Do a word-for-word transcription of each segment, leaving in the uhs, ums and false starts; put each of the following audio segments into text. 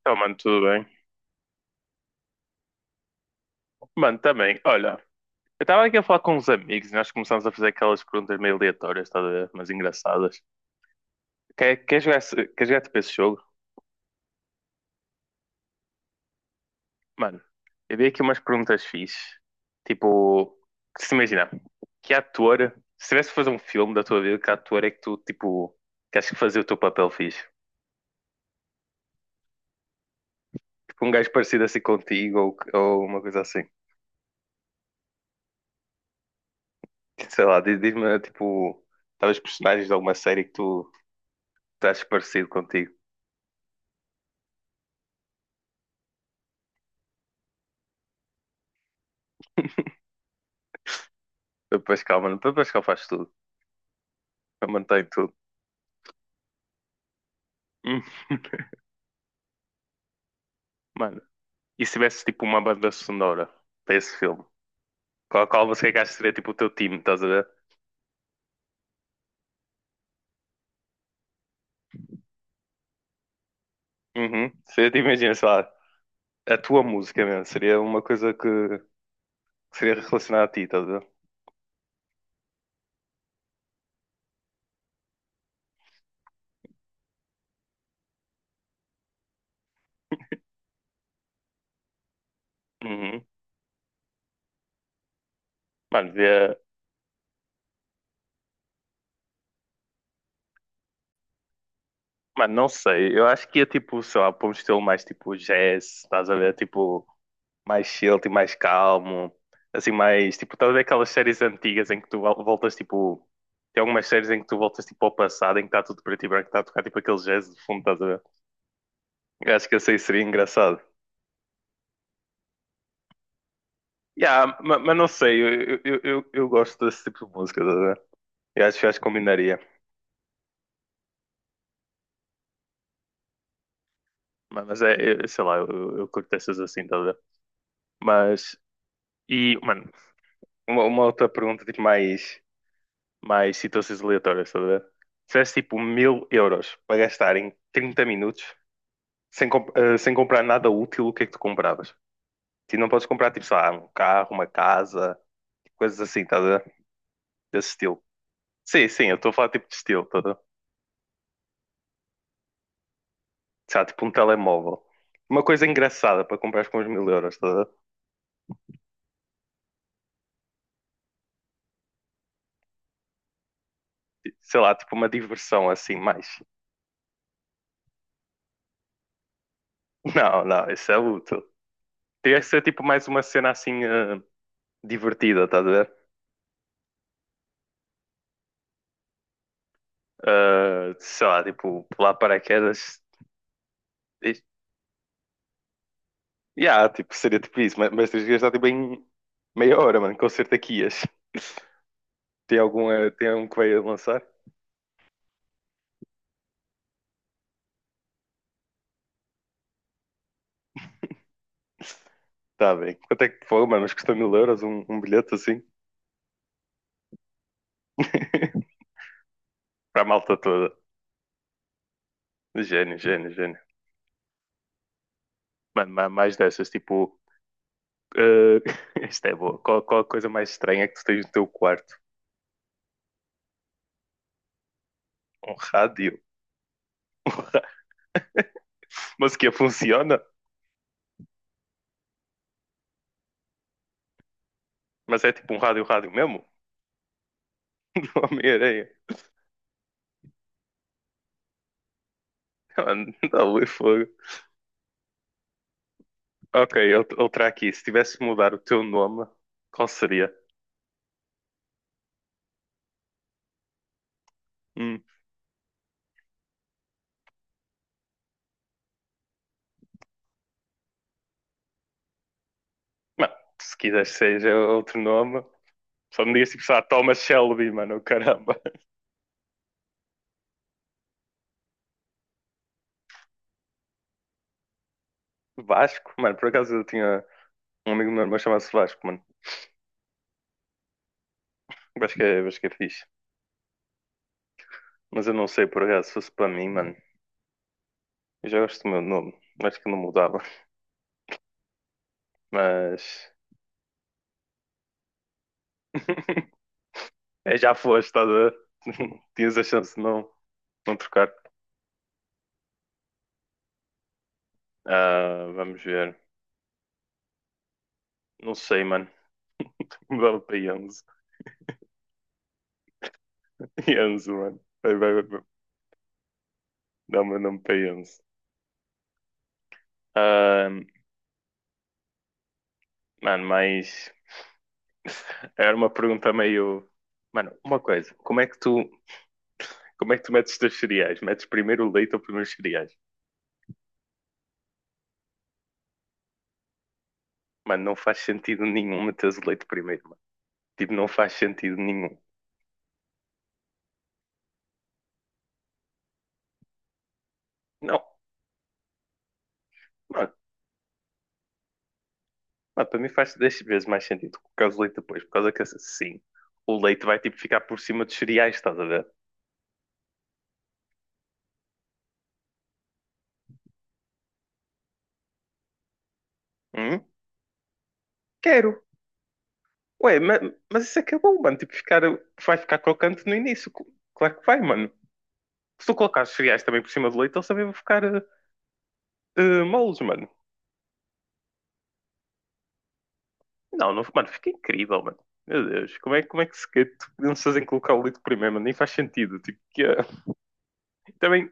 Então, mano, tudo bem? Mano, também, olha, eu estava aqui a falar com uns amigos e nós começámos a fazer aquelas perguntas meio aleatórias, estás a ver? Mas engraçadas. Quer, quer jogar, esse- quer jogar tipo esse jogo? Mano, eu vi aqui umas perguntas fixes. Tipo, se imagina, que ator, se tivesse que fazer um filme da tua vida, que ator é que tu, tipo, que achas que fazia o teu papel fixe? Tipo, um gajo parecido assim contigo ou, ou uma coisa assim. Sei lá, diz- diz-me, tipo, talvez personagens de alguma série que tu, tu achas parecido contigo. O Pascal, mano. O Pascal faz tudo. Ele mantém tudo. Hum. Mano, e se tivesse tipo uma banda sonora para esse filme? Qual, qual você acha que seria tipo o teu time, estás a ver? Uhum. Seria, tipo, imagina, sei lá, a tua música mesmo. Seria uma coisa que que seria relacionada a ti, estás a ver? Uhum. Mano, via... Mano, não sei. Eu acho que ia tipo, sei lá, para um estilo mais tipo jazz, estás a ver? Tipo, mais chill, tipo, mais calmo, assim, mais, tipo, estás a ver aquelas séries antigas em que tu vol- voltas, tipo, tem algumas séries em que tu voltas, tipo, ao passado, em que está tudo preto e branco, está a tocar, tipo, aquele jazz de fundo, estás a ver? Eu acho que assim seria engraçado. Yeah, mas, mas não sei, eu, eu, eu, eu gosto desse tipo de música, estás a ver? Eu acho, eu acho que combinaria. Mas, mas é, eu- sei lá, eu, eu curto essas assim, estás a ver? Mas, e, mano, uma, uma outra pergunta, tipo, mais, mais situações aleatórias, estás a ver? Se tivesse, tipo, mil euros para gastar em trinta minutos. Sem, comp- eh, sem comprar nada útil, o que é que tu compravas? Tu não podes comprar, tipo, sei lá, um carro, uma casa, coisas assim, tá, a ver? Desse estilo. Sim, sim, eu estou a falar tipo de estilo, tá, a ver? Sei lá, tipo um telemóvel. Uma coisa engraçada para comprar com os mil euros, tá, a ver? Tipo, sei lá, tipo uma diversão assim, mais. Não, não, isso é útil. Teria que ser tipo mais uma cena assim, eh, divertida, estás a ver? Eh, sei lá, tipo, pular paraquedas. E- Yeah, tipo, seria tipo isso, mas, mas tens que gastar tipo em meia hora, mano, com certeza que ias. Tem algum, eh, tem um que vai lançar? Tá bem. Quanto é que foi, mano? Mas custa mil euros um, um bilhete assim? Para a malta toda. Gênio, gênio, gênio. Mano, ma- mais dessas, tipo. eh, Isto é boa. Qual, qual a coisa mais estranha que tu tens no teu quarto? Um rádio. Um ra- Mas que funciona? Mas é tipo um rádio, rádio mesmo? Não Homem-Aranha. Mano, dá ali fogo. Ok, ele outra aqui. Se tivesse de mudar o teu nome, qual seria? Hum. Mano, se quiseres seja outro nome, só me digas tipo, sei lá, Thomas Shelby, mano, caramba. Vasco, mano, por acaso eu tinha um amigo meu, mas chamava-se Vasco, mano. Eu acho que, é, eu acho que é fixe. Mas eu não sei, por acaso, se fosse para mim, mano. Eu já gosto do meu nome, acho que não mudava. Mas. É, já foste, estás a. Tinhas a chance de não, não trocar. Ah, vamos ver. Não sei, mano. Mudava para Enzo. Enzo, mano. Vai, vai, vai. Dá o meu nome para Enzo. Ah, mano, mas. Era uma pergunta meio. Mano, uma coisa, como é que tu, como é que tu metes os teus cereais? Metes primeiro o leite ou primeiro os cereais? Mano, não faz sentido nenhum meteres o leite primeiro, mano. Tipo, não faz sentido nenhum. Não, mano, mano, para mim faz dez vezes mais sentido colocar o leite depois, por causa que assim, o leite vai tipo ficar por cima dos cereais, estás a ver? Hum? Quero. Ué, mas, mas isso é que é bom, mano. Tipo, ficar, vai ficar crocante no início. Cl- Claro que vai, mano. Se tu colocar os cereais também por cima do leite, eles também vão ficar, eh, eh, moles, mano. Não, não, mano, fica incrível, mano. Meu Deus, como é, como é que se que não se fazem colocar o leite primeiro, mano? Nem faz sentido. Tipo, que, é- também,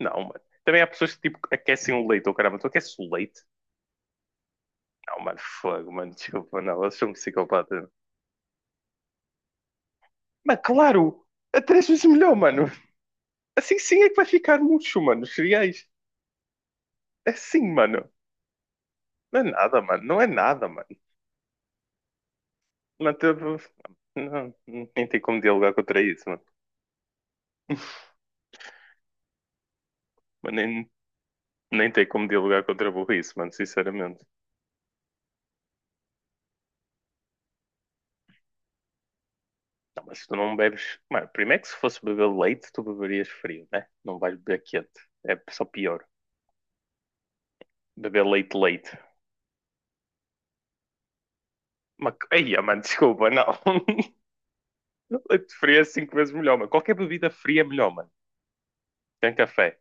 não, mano. Também há pessoas que tipo, aquecem o leite, ou caramba, tu aqueces o leite? Não, mano, fogo, mano, desculpa, não, elas são psicopatas. Mas claro, é três vezes melhor, mano. Assim sim é que vai ficar murcho, mano, os cereais. É assim, mano. Não é nada, mano, não é nada, mano. Mas, tipo, não, nem tem como dialogar contra isso, mano. Mas nem, nem tem como dialogar contra a burrice, mano, sinceramente. Não, mas tu não bebes. Mano, primeiro que se fosse beber leite, tu beberias frio, né? Não vais beber quente. É só pior. Beber leite, leite. Mas... Ai, ah, mano, desculpa, não. Leite frio é cinco vezes melhor, mano. Qualquer bebida fria é melhor, mano. Tem café.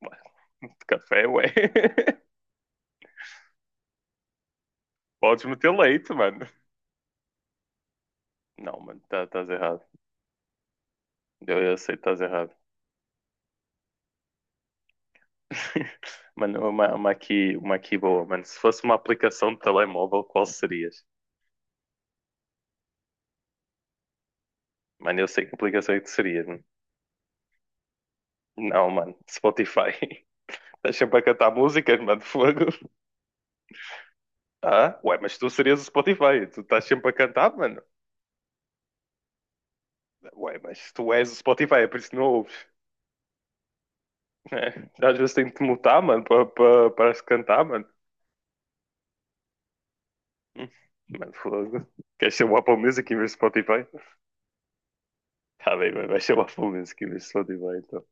Mano, café, ué. Podes meter leite, mano. Não, mano, tá- estás errado. Eu, eu sei que estás errado. Mano, uma, uma aqui, uma aqui boa, mano. Se fosse uma aplicação de telemóvel, qual serias? Mano, eu sei que aplicação é que serias, mano. Não, mano. Spotify. Estás sempre a cantar músicas, mano. Fogo. Ah, ué, mas tu serias o Spotify. Tu estás sempre a cantar, mano. Ué, mas tu és o Spotify, é por isso que não ouves, né? Às vezes tenho de te mutar, mano, para para para se cantar, mano. Hum, Mano, fogo. Queres ser o Apple Music em vez de Spotify? Tá bem, mano. Vais ser o Apple Music em vez de Spotify, então.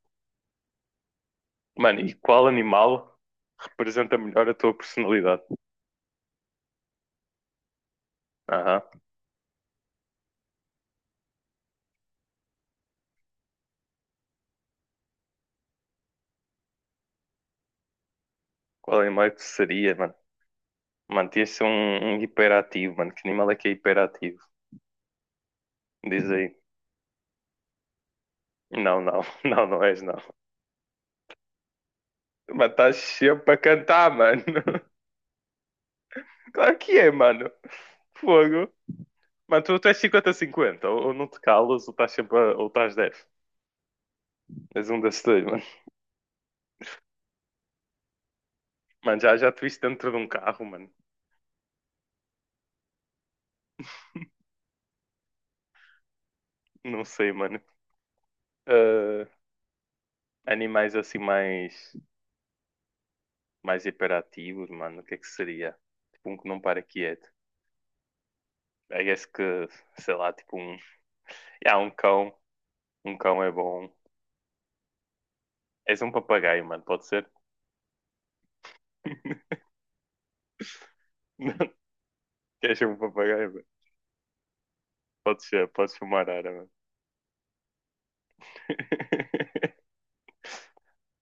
Mano, e qual animal representa melhor a tua personalidade? Aham. Qual animal é que tu seria, mano? Mano, tinha de ser um, um hiperativo, mano. Que animal é que é hiperativo? Diz aí. Não, não, não, não és, não. Mas estás sempre a cantar, mano. Claro que é, mano. Fogo. Mano, tu, tu és cinquenta a cinquenta. Ou, ou não te calas, ou estás sempre a, ou estás dez. És um desses dois, mano. Mano, já, já te viste dentro de um carro, mano. Não sei, mano. Ah, animais assim mais, mais hiperativos, mano. O que é que seria? Tipo um que não para quieto. I guess que, sei lá, tipo um. Ah, um cão. Um cão é bom. És um papagaio, mano, pode ser? Não, queres ser um papagaio, mano? Pode ser, podes ser uma arara, mano.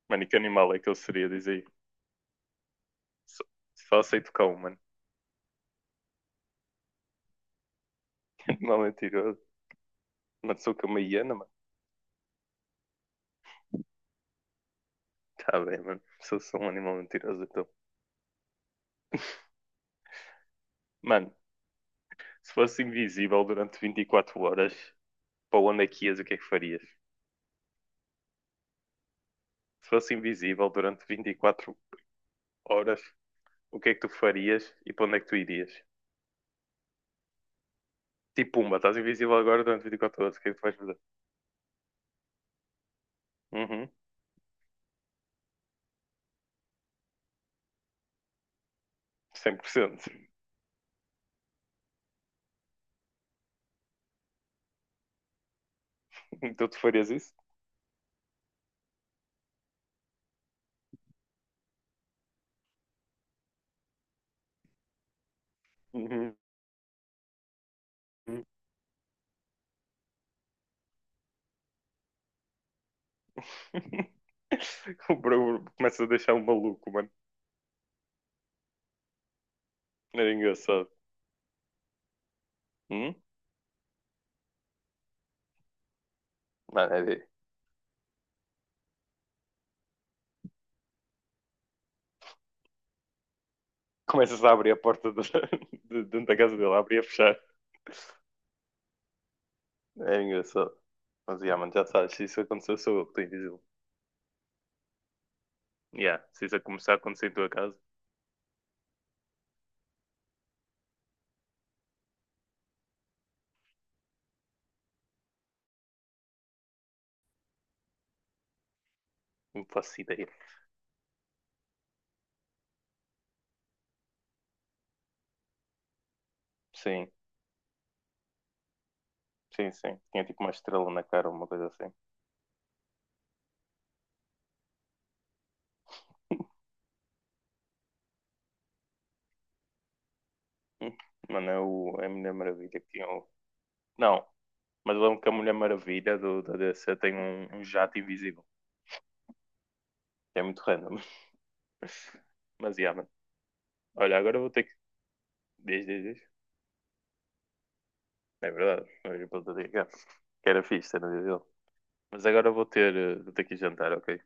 Mano, e que animal é que eu seria? Diz aí. Só, só aceito cão, mano. Animal mentiroso. Mano, sou que uma hiena, mano. Tá bem, mano. Sou, sou um animal mentiroso, então. Mano, se fosse invisível durante vinte e quatro horas, para onde é que ias? O que é que farias? Se fosse invisível durante vinte e quatro horas, o que é que tu farias e para onde é que tu irias? Tipo, pumba, estás invisível agora durante vinte e quatro horas, o que é que tu vais fazer? Uhum, cem por cento. Então tu farias isso? Uhum. O Bro começa a deixar um maluco, mano. Era engraçado. Hum? Mano, é de- Começas a abrir a porta do- de dentro da casa dele, a abrir e a fechar. Era engraçado. Mas, yeah, mano, já sabes, se isso aconteceu, sou eu que tenho de dizer. Yeah, se isso começar a acontecer em tua casa, não faço ideia. Sim, sim, sim. Tinha tipo uma estrela na cara, uma coisa assim. Hum? Mano, é, o, é a Mulher Maravilha que tinha o... Não, mas eu lembro que a Mulher Maravilha do, da D C tem um, um jato invisível, que é muito random. Mas, yeah, mano. Olha, agora vou ter que. Diz, diz, diz. É verdade. Olha, para o dia cá. Que era fixe, era dele. Mas agora vou ter, eh, vou ter que ir jantar, ok?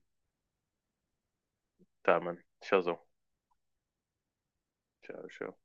Tá, mano. Tchauzão. Tchau, tchau.